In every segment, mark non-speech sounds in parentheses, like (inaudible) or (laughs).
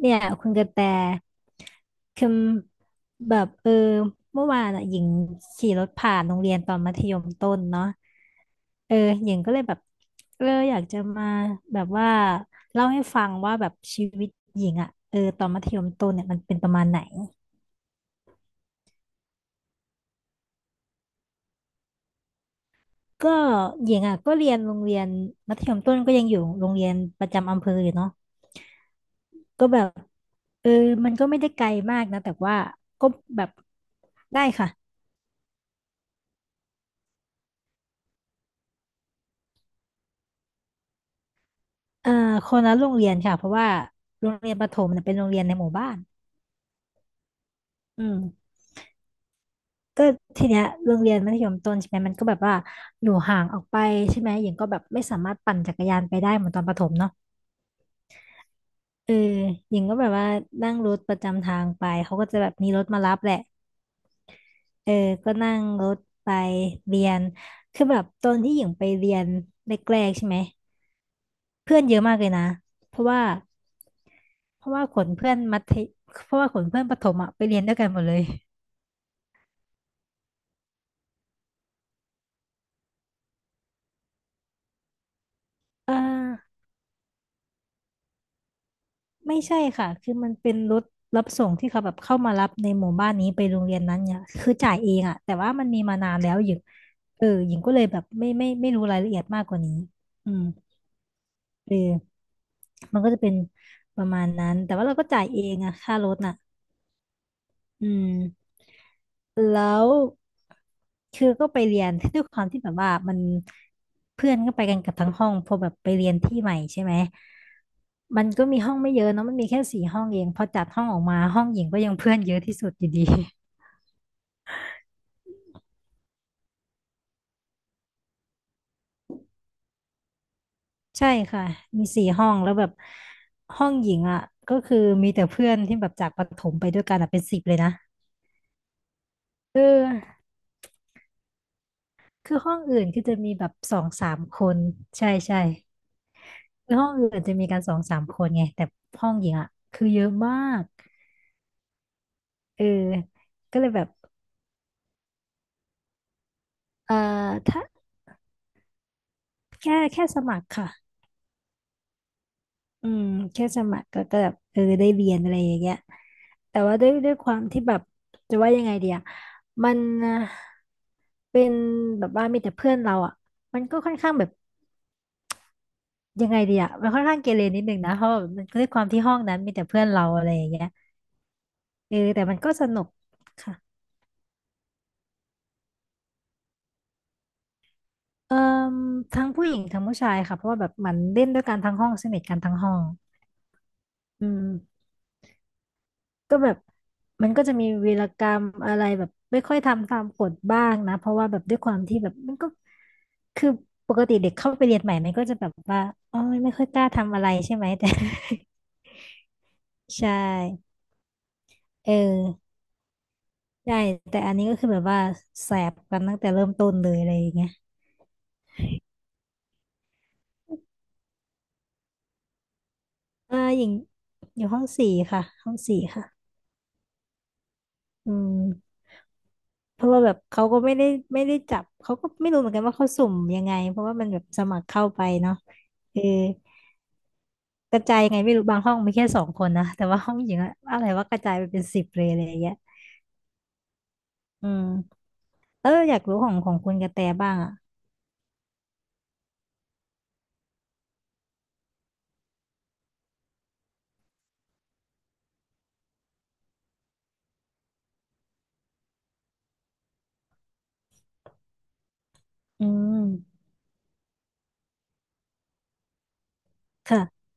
เนี่ยคุณกระแตคือแบบเมื่อวานอ่ะหญิงขี่รถผ่านโรงเรียนตอนมัธยมต้นเนาะเออหญิงก็เลยแบบอยากจะมาแบบว่าเล่าให้ฟังว่าแบบชีวิตหญิงอ่ะตอนมัธยมต้นเนี่ยมันเป็นประมาณไหนก็หญิงอ่ะก็เรียนโรงเรียนมัธยมต้นก็ยังอยู่โรงเรียนประจำอำเภออยู่เนาะก็แบบเออมันก็ไม่ได้ไกลมากนะแต่ว่าก็แบบได้ค่ะ เอ่อคนละโรงเรียนค่ะเพราะว่าโรงเรียนประถมเนี่ยเป็นโรงเรียนในหมู่บ้านอืมก็ทีเนี้ยโรงเรียนมัธยมต้นใช่ไหมมันก็แบบว่าอยู่ห่างออกไปใช่ไหมหญิงก็แบบไม่สามารถปั่นจักรยานไปได้เหมือนตอนประถมเนาะเออหญิงก็แบบว่านั่งรถประจำทางไปเขาก็จะแบบมีรถมารับแหละเออก็นั่งรถไปเรียนคือแบบตอนที่หญิงไปเรียนแรกๆใช่ไหมเพื่อนเยอะมากเลยนะเพราะว่าเพราะว่าขนเพื่อนมัธยเพราะว่าขนเพื่อนประถมอะไปเรียนด้วยกันหมดเลย เอ่อไม่ใช่ค่ะคือมันเป็นรถรับส่งที่เขาแบบเข้ามารับในหมู่บ้านนี้ไปโรงเรียนนั้นเนี่ยคือจ่ายเองอะแต่ว่ามันมีมานานแล้วหญิงหญิงก็เลยแบบไม่รู้รายละเอียดมากกว่านี้อืมเออมันก็จะเป็นประมาณนั้นแต่ว่าเราก็จ่ายเองอะค่ารถน่ะ อืมแล้วคือก็ไปเรียน (laughs) ด้วยความที่แบบว่ามันเพื่อนก็ไปกันกับทั้งห้องพอแบบไปเรียนที่ใหม่ใช่ไหมมันก็มีห้องไม่เยอะเนาะมันมีแค่สี่ห้องเองพอจัดห้องออกมาห้องหญิงก็ยังเพื่อนเยอะที่สุดอยู่ดี (laughs) ใช่ค่ะมีสี่ห้องแล้วแบบห้องหญิงอ่ะก็คือมีแต่เพื่อนที่แบบจากประถมไปด้วยกันอะเป็นสิบเลยนะเออคือห้องอื่นคือจะมีแบบสองสามคนใช่ใช่ ในห้องอื่นอาจจะมีกันสองสามคนไงแต่ห้องหญิงอ่ะคือเยอะมากเออก็เลยแบบเอ่อถ้าแค่สมัครค่ะอืมแค่สมัครก็แบบได้เรียนอะไรอย่างเงี้ยแต่ว่าด้วยความที่แบบจะว่ายังไงเดีอะมันเป็นแบบว่ามีแต่เพื่อนเราอ่ะมันก็ค่อนข้างแบบยังไงเดีอ่ะมันค่อนข้างเกเรนิดนึงนะเพราะว่ามันด้วยความที่ห้องนั้นมีแต่เพื่อนเราอะไรอย่างเงี้ยแต่มันก็สนุกค่ะ เอ่อทั้งผู้หญิงทั้งผู้ชายค่ะเพราะว่าแบบมันเล่นด้วยกันทั้งห้องสนิทกันทั้งห้องอืมก็แบบมันก็จะมีวีรกรรมอะไรแบบไม่ค่อยทำตามกฎบ้างนะเพราะว่าแบบด้วยความที่แบบมันก็คือปกติเด็กเข้าไปเรียนใหม่มันก็จะแบบว่าอ๋อไม่ค่อยกล้าทำอะไรใช่ไหมแต่ (laughs) ใช่เออใช่แต่อันนี้ก็คือแบบว่าแสบกันตั้งแต่เริ่มต้นเลยอะไรอย่างเงี้ยหญิงอยู่ห้องสี่ค่ะห้องสี่ค่ะอืม เพราะว่าแบบเขาก็ไม่ได้จับเขาก็ไม่รู้เหมือนกันว่าเขาสุ่มยังไงเพราะว่ามันแบบสมัครเข้าไปเนาะเออกระจายยังไงไม่รู้บางห้องมีแค่สองคนนะแต่ว่าห้องหญิงอะอะไรว่ากระจายไปเป็นสิบเลยอะไรอย่างเงี้ยอืมอยากรู้ของคุณกระแตบ้างอ่ะอืมค่ะ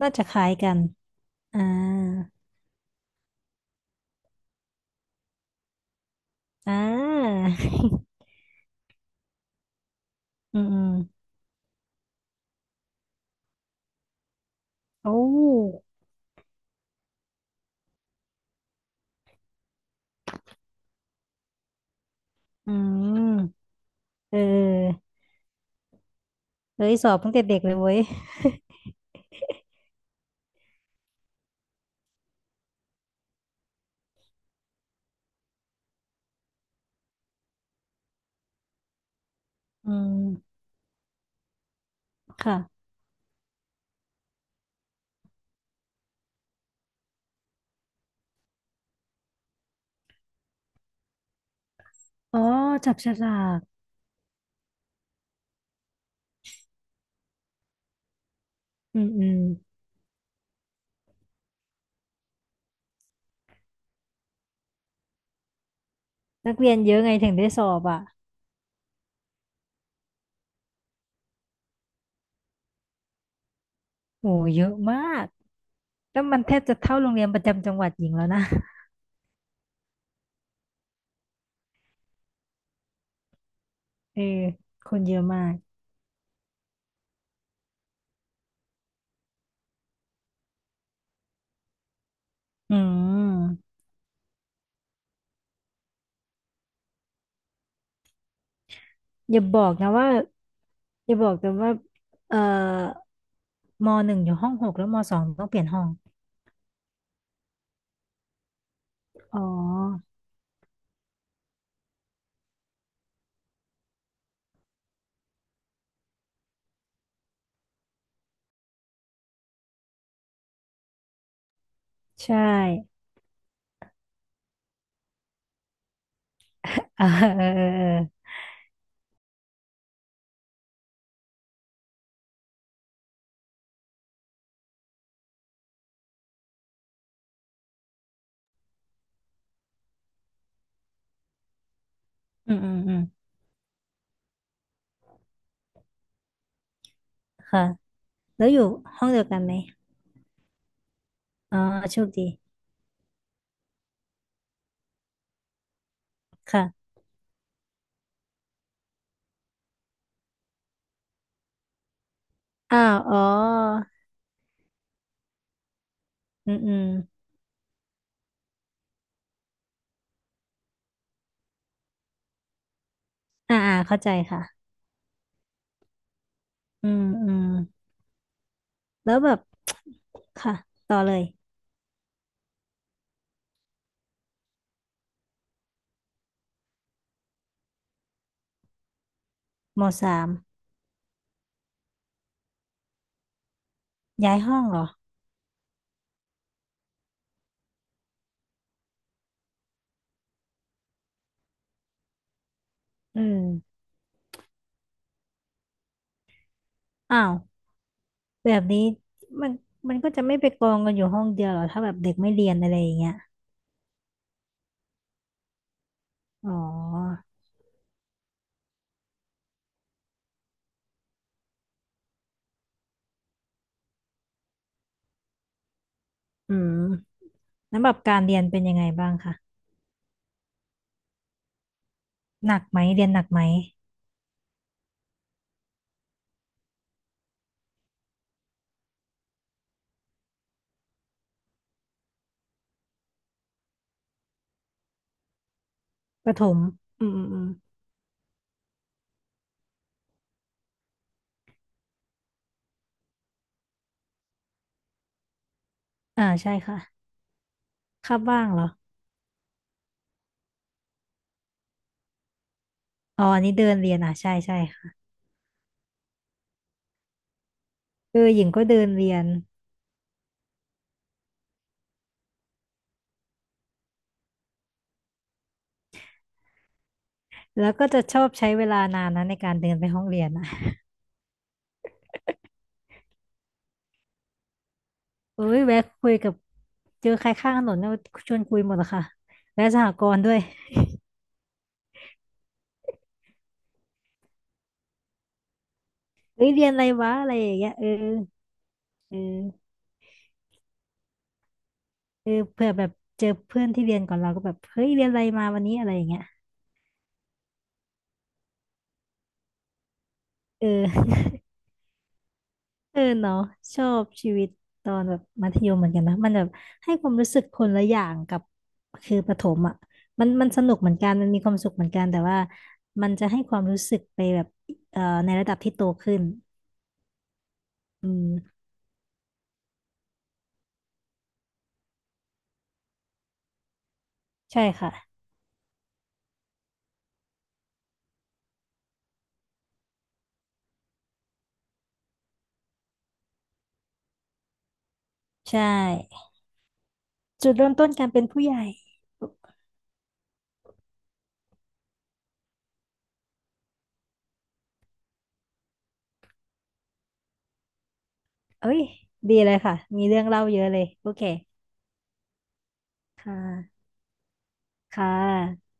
น่าจะคล้ายกันอ่าอ่า (laughs) อืมอืมโอ้อืมเออเฮ้ยสอบตั้งแต่เด็กเลยเว้ย (laughs) อืมค่ะอ๋อจับฉลากอืมอืม นักเรียนเยอะไงถึงได้สอบอ่ะโอ้เยอะมากแล้วมันแทบจะเท่าโรงเรียนประจำจังหวัดหญิงแล้วนะ (laughs) เออคนเยอะมากอืมอย่าบอกนะว่าอย่าบอกแต่ว่าเอ่อมหนึ่งอยู่ห้องหกแล้วมสองต้องเปลี่ยนห้องอ๋อใช่ (laughs) เอาเออเอออืมอืมอืมค่ะแล้วอยู่ห้องเดียวกันไหมอ๋อโชคดีค่ะอ้าวอ๋ออืมอืมอ่าอ่าเข้าใจค่ะอืมอืม แล้วแบบ (tsk) ค่ะต่อเลยมสามย้ายห้องเหรออืมอ้าวแบบนี้มันมันก็จะไม่ไปกองกันอยู่ห้องเดียวเหรอถ้าแบบเด็กไม่เรียนอะไรอย่างเงี้ยอ๋ออืมแล้วแบบการเรียนเป็นยังไงบ้างคะหนักไหมเรียนหนักไหมประถมอืมอืมอืมอ่าใช่ค่ะคาบว่างเหรออ๋ออันนี้เดินเรียนอ่ะใช่ใช่ค่ะหญิงก็เดินเรียนแล้วก็จะชอบใช้เวลานานนะในการเดินไปห้องเรียนอะ เอ้ยแวะคุยกับเจอใครข้างถนนเนี่ยชวนคุยหมดอะค่ะแวะสหกรณ์ด้วยเอ้ยเรียนอะไรวะอะไรอย่างเงี้ยเออเออเผื่อแบบเจอเพื่อนที่เรียนก่อนเราก็แบบเฮ้ยเรียนอะไรมาวันนี้อะไรอย่างเงี้ยเออ (laughs) เออเนาะชอบชีวิตตอนแบบมัธยมเหมือนกันนะมันแบบให้ความรู้สึกคนละอย่างกับคือประถมอ่ะมันสนุกเหมือนกันมันมีความสุขเหมือนกันแต่ว่ามันจะให้ความรู้สึกไปแบบในระดับที่โตขึ้นอืมใช่ค่ะใช่ จุดเริ่มต้นการเป็นผู้ใหญ่ เอ้ย ดีเลยค่ะ มีเรื่องเล่าเยอะเลย โอเค ค่ะค่ะ